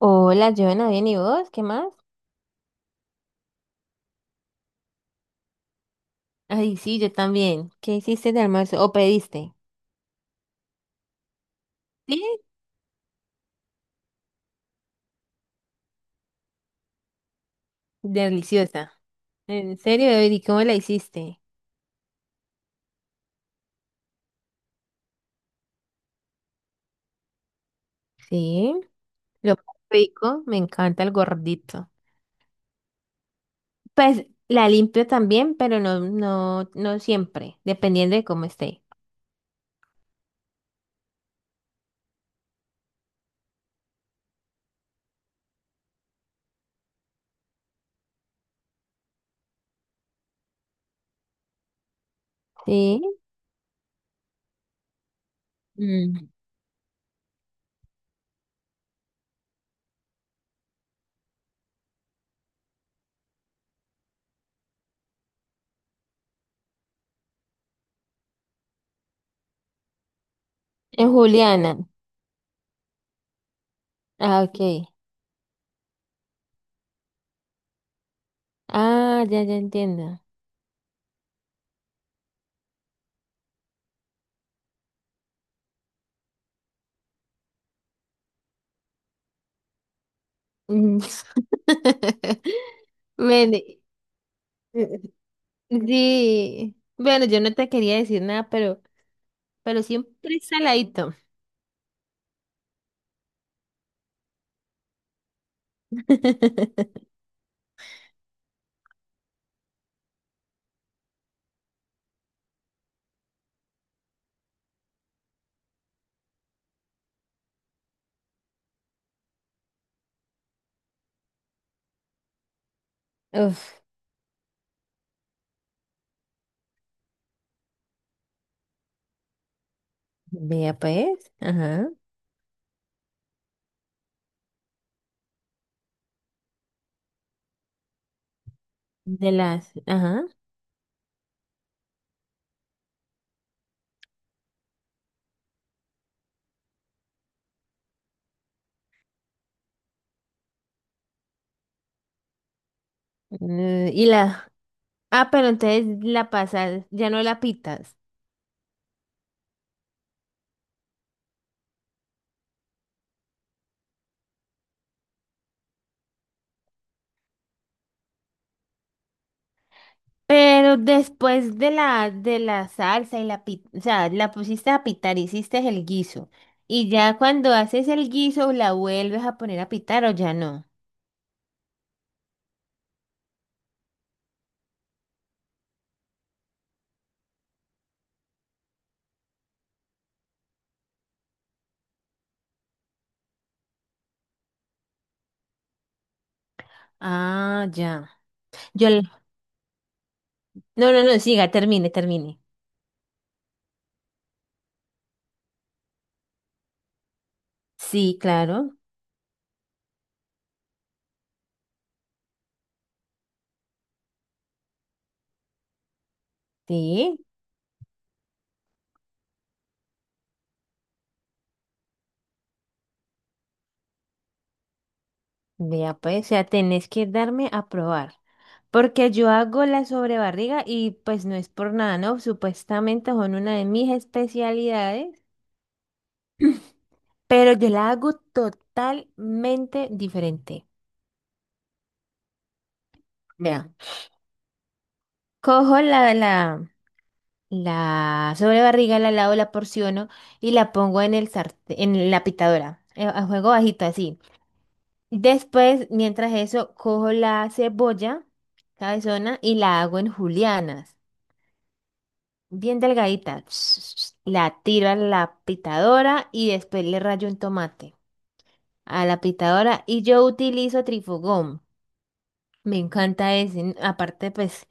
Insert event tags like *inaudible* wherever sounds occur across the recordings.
Hola, Joana, bien, ¿y vos? ¿Qué más? Ay, sí, yo también. ¿Qué hiciste de almuerzo? ¿O pediste? Sí, deliciosa. En serio, David, ¿y cómo la hiciste? Sí, lo más rico, me encanta el gordito. Pues la limpio también, pero no, no, no siempre, dependiendo de cómo esté. Sí. Mm. En Juliana. Ah, ok. Ah, ya, ya entiendo. Mm. *laughs* Bueno, eh, sí. Bueno, yo no te quería decir nada, pero siempre saladito. *laughs* Uf, vea pues, ajá, de las, ajá, eh, y la, ah, pero entonces la pasas, ya no la pitas, pero después de la salsa y la pita, o sea, la pusiste a pitar, hiciste el guiso, y ya cuando haces el guiso, la vuelves a poner a pitar o ya no. Ah, ya. Yo, la- no, no, no, siga, termine, termine. Sí, claro, sí. Vea, pues, o sea, tenés que darme a probar. Porque yo hago la sobrebarriga y pues no es por nada, ¿no? Supuestamente son una de mis especialidades, pero yo la hago totalmente diferente. Vea, cojo la la sobrebarriga, la lavo, la porciono y la pongo en el sartén, en la pitadora, a fuego bajito así. Después, mientras eso, cojo la cebolla cabezona y la hago en julianas. Bien delgadita. *tsk* La tiro a la pitadora y después le rayo un tomate a la pitadora y yo utilizo trifugón. Me encanta ese. N- Aparte, pues,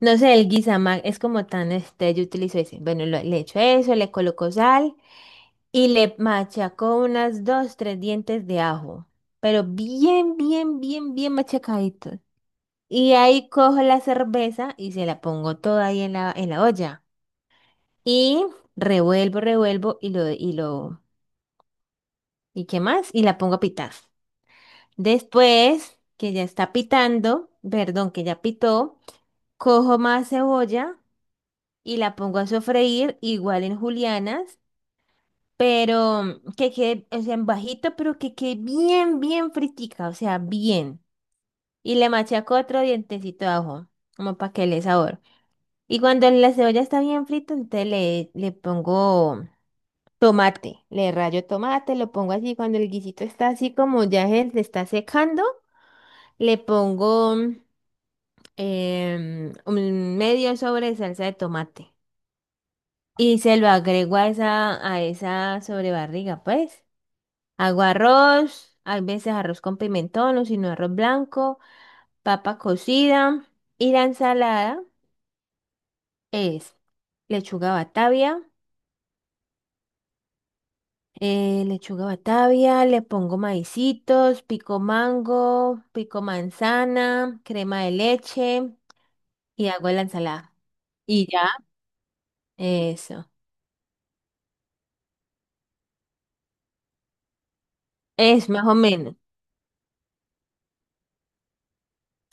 no sé, el guisamag es como tan este, yo utilizo ese. Bueno, lo- le echo eso, le coloco sal y le machaco unas dos, tres dientes de ajo. Pero bien, bien, bien, bien machacadito. Y ahí cojo la cerveza y se la pongo toda ahí en la olla. Y revuelvo, revuelvo ¿y qué más? Y la pongo a pitar. Después que ya está pitando, perdón, que ya pitó, cojo más cebolla y la pongo a sofreír igual en julianas, pero que quede, o sea, en bajito, pero que quede bien, bien fritica, o sea, bien. Y le machaco otro dientecito de ajo, como para que le dé sabor. Y cuando la cebolla está bien frita, entonces le pongo tomate, le rayo tomate, lo pongo así, cuando el guisito está así como ya se está secando, le pongo un medio sobre de salsa de tomate y se lo agrego a esa sobrebarriga, pues. Hago arroz, a veces arroz con pimentón o si no arroz blanco, papa cocida y la ensalada es lechuga batavia. Lechuga batavia, le pongo maicitos, pico mango, pico manzana, crema de leche y hago la ensalada. Y ya, eso. Es más o menos.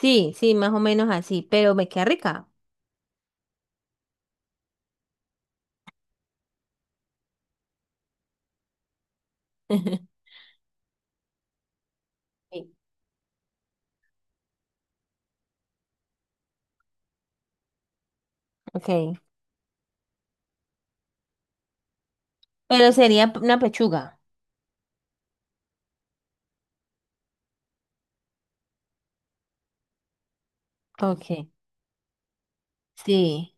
Sí, sí, más o menos así, pero me queda rica. *laughs* Sí. Ok. Pero sería p- una pechuga. Ok. Sí.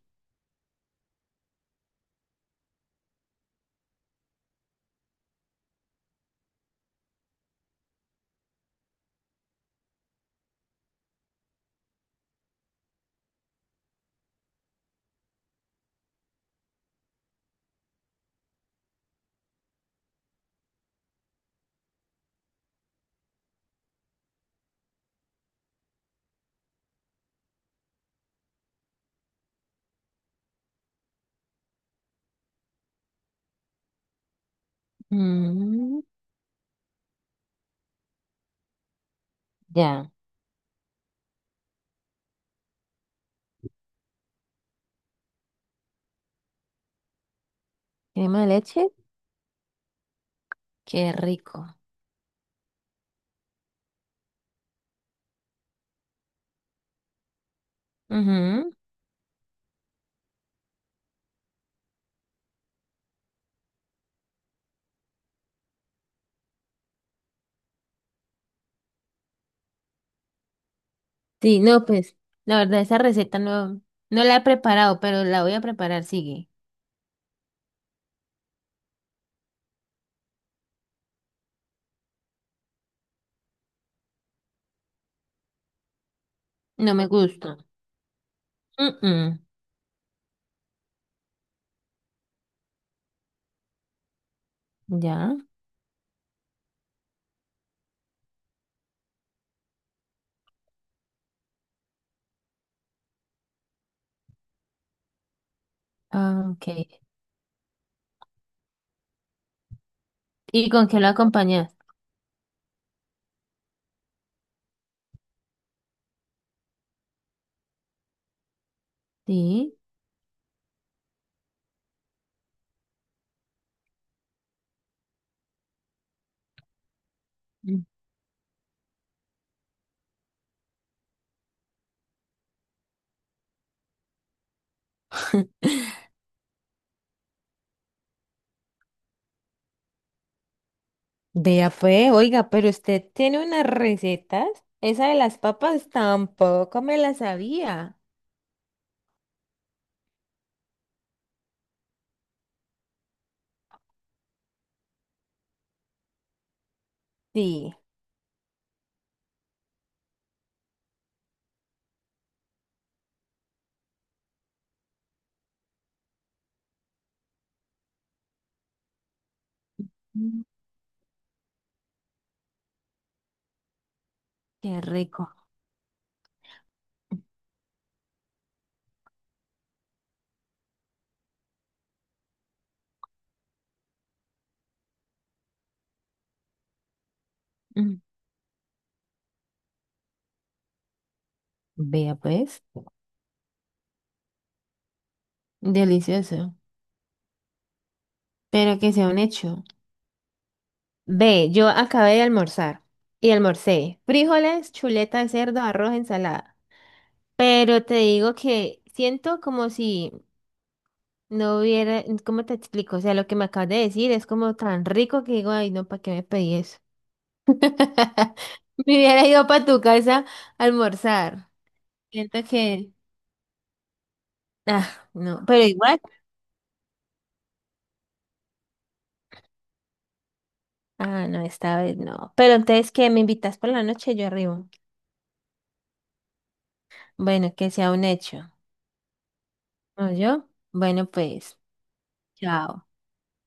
Mm, ya. Crema de leche, qué rico. Ujú. Sí, no, pues, la verdad, esa receta no, no la he preparado, pero la voy a preparar, sigue. No me gusta. Mm, mm. Ya. Ah, ok. ¿Y con qué lo acompañas? Sí. Mm. Vea pues, oiga, pero usted tiene unas recetas. Esa de las papas tampoco me la sabía. Sí. Mm. Qué rico. Mm. Vea pues. Delicioso. Pero que sea un hecho. Ve, yo acabé de almorzar y almorcé frijoles, chuleta de cerdo, arroz, ensalada. Pero te digo que siento como si no hubiera, ¿cómo te explico? O sea, lo que me acabas de decir es como tan rico que digo, ay, no, ¿para qué me pedí eso? *laughs* Me hubiera ido para tu casa a almorzar. Siento que, ah, no, pero igual, ah, no, esta vez no. Pero entonces, ¿qué? ¿Me invitas por la noche? Yo arribo. Bueno, que sea un hecho. ¿No yo? Bueno, pues, chao.